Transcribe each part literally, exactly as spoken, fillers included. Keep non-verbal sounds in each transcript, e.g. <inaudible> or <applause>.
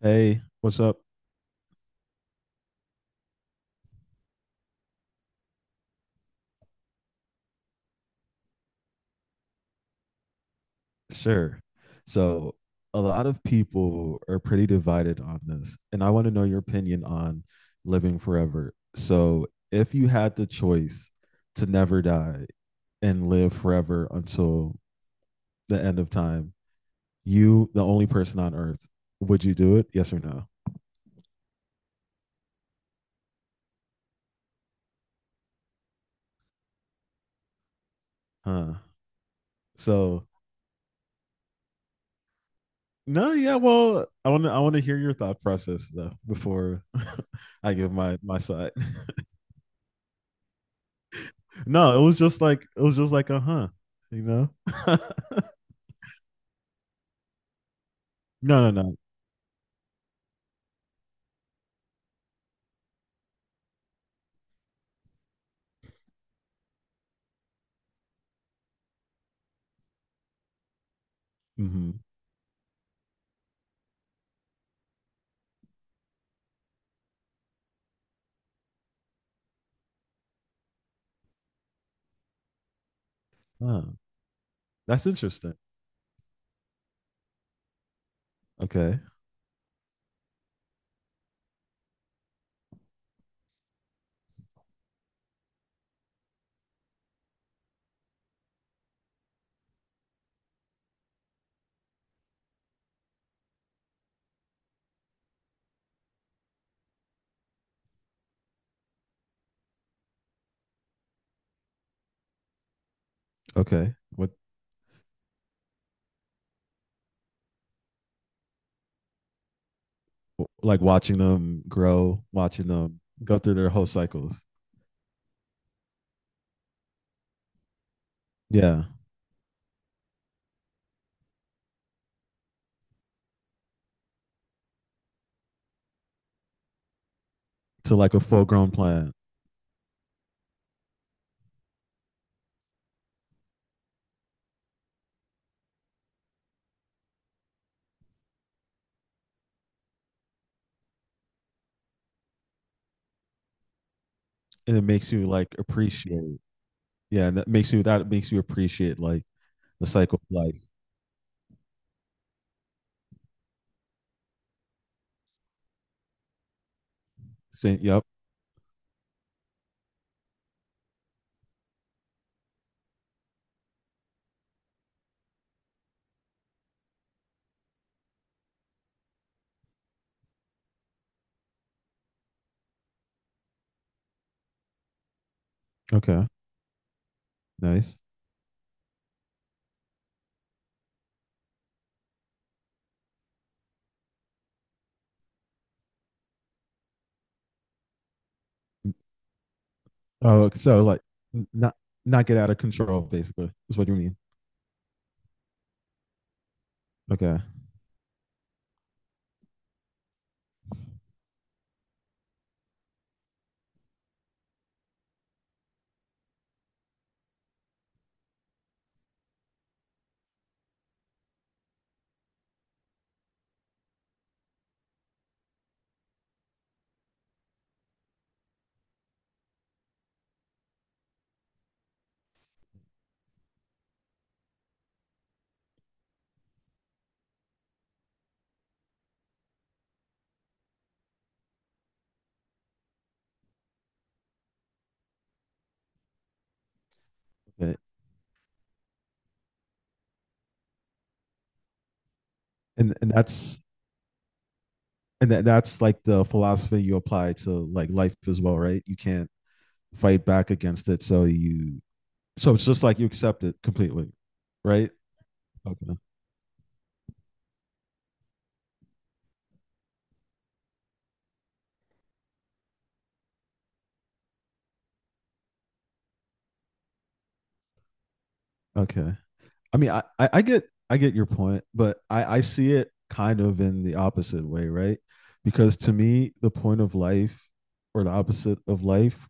Hey, what's up? Sure. So, a lot of people are pretty divided on this, and I want to know your opinion on living forever. So, if you had the choice to never die and live forever until the end of time, you, the only person on earth, would you do it? Yes or no? Huh. So, no, yeah, well, I want to I want to hear your thought process though before <laughs> I give my my side. <laughs> No, it was just like it was just like a huh, you know. <laughs> No, no, no. Hmm. Oh, that's interesting. Okay, okay. What like watching them grow, watching them go through their whole cycles. Yeah, to like a full grown plant, and it makes you like appreciate. Yeah, and that makes you that makes you appreciate like the cycle of life. Say, yep. Okay. Nice. Mm. Oh, so like not not get out of control basically is what you mean. Okay. Okay. And and that's and that, that's like the philosophy you apply to like life as well, right? You can't fight back against it, so you, so it's just like you accept it completely, right? Okay. Okay. I mean, I, I I get I get your point, but I I see it kind of in the opposite way, right? Because to me, the point of life or the opposite of life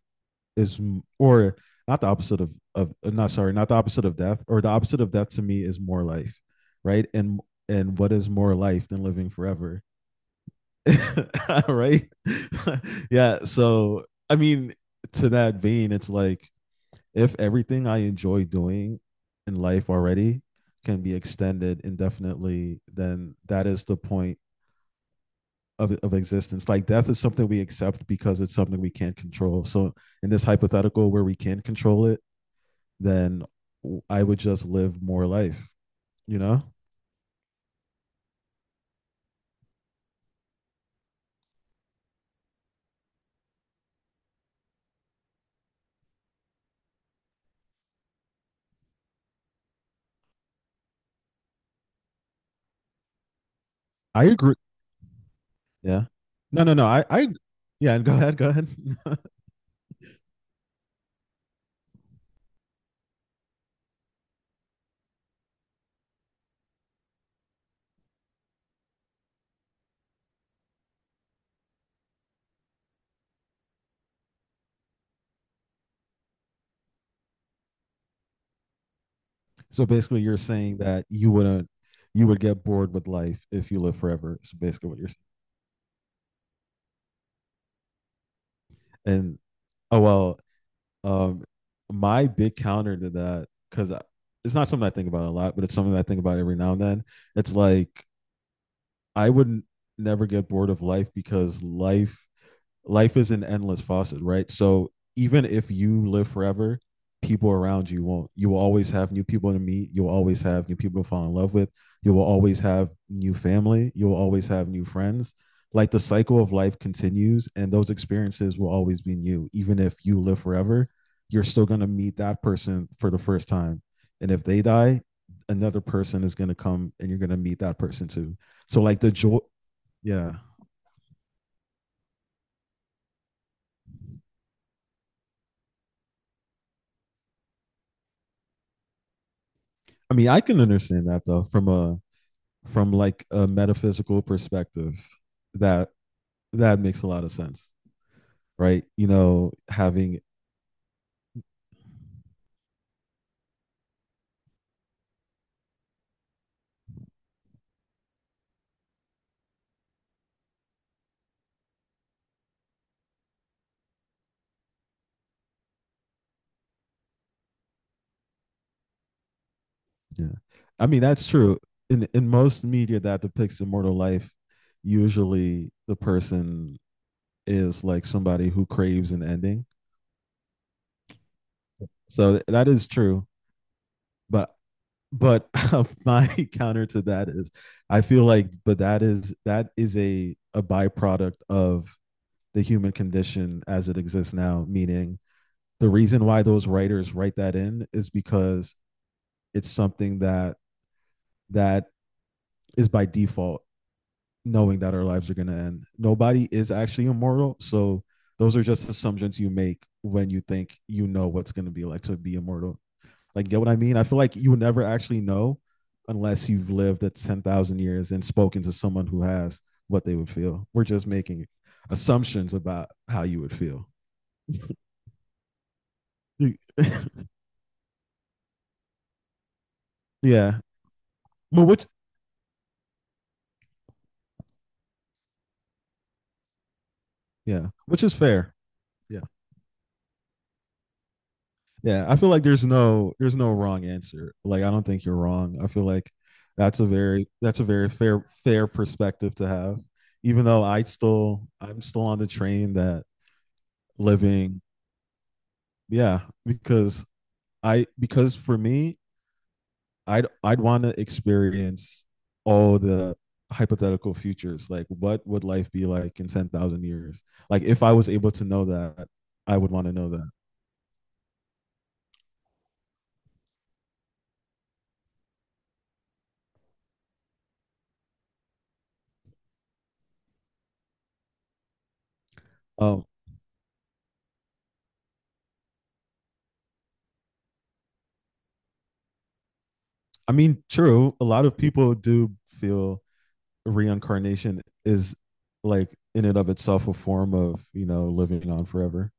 is, or not the opposite of of uh, not, sorry, not the opposite of death, or the opposite of death to me is more life, right? And and what is more life than living forever? <laughs> Right? <laughs> Yeah, so I mean, to that vein, it's like if everything I enjoy doing in life already can be extended indefinitely, then that is the point of, of existence. Like death is something we accept because it's something we can't control. So in this hypothetical where we can control it, then I would just live more life, you know? I agree. Yeah. No, no, no. I, I, yeah. Go ahead. Go ahead. <laughs> So basically, you're saying that you wouldn't, you would get bored with life if you live forever. So basically, what you're saying. And oh well, Um, my big counter to that, because it's not something I think about a lot, but it's something that I think about every now and then. It's like I would never get bored of life because life life is an endless faucet, right? So even if you live forever, people around you won't. You will always have new people to meet. You'll always have new people to fall in love with. You will always have new family. You will always have new friends. Like the cycle of life continues, and those experiences will always be new. Even if you live forever, you're still going to meet that person for the first time. And if they die, another person is going to come and you're going to meet that person too. So, like the joy, yeah. I mean, I can understand that though from a, from like a metaphysical perspective that that makes a lot of sense, right? You know, having, yeah, I mean that's true. In in most media that depicts immortal life, usually the person is like somebody who craves an ending, so th- that is true, but but <laughs> uh, my counter to that is I feel like, but that is, that is a a byproduct of the human condition as it exists now, meaning the reason why those writers write that in is because it's something that, that is by default, knowing that our lives are going to end, nobody is actually immortal, so those are just assumptions you make when you think you know what's going to be like to be immortal. Like, get what I mean? I feel like you would never actually know unless you've lived at ten thousand years and spoken to someone who has what they would feel. We're just making assumptions about how you would feel. <laughs> Yeah. Well, which, yeah, which is fair. Yeah. Yeah. I feel like there's no, there's no wrong answer. Like, I don't think you're wrong. I feel like that's a very, that's a very fair, fair perspective to have. Even though I still, I'm still on the train that living, yeah, because I, because for me, I'd I'd want to experience all the hypothetical futures. Like, what would life be like in ten thousand years? Like, if I was able to know that, I would want to know that. Um, I mean, true. A lot of people do feel reincarnation is like in and of itself a form of, you know, living on forever,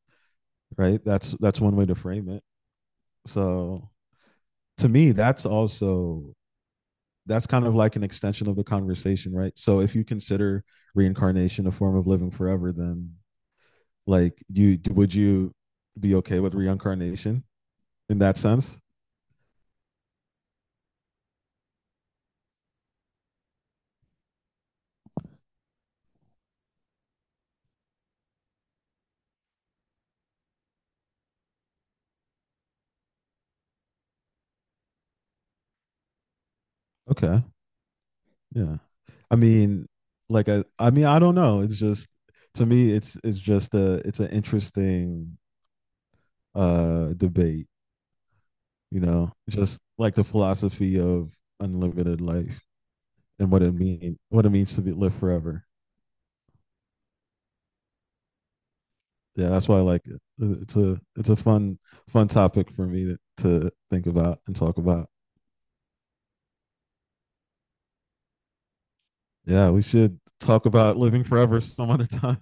right? That's that's one way to frame it. So to me, that's also, that's kind of like an extension of the conversation, right? So if you consider reincarnation a form of living forever, then like you would, you be okay with reincarnation in that sense? Okay. Yeah. I mean, like I I mean, I don't know. It's just, to me it's it's just a, it's an interesting uh debate, you know, just like the philosophy of unlimited life and what it mean what it means to be live forever. Yeah, that's why I like it. It's a, it's a fun fun topic for me to, to think about and talk about. Yeah, we should talk about living forever some other <laughs> time.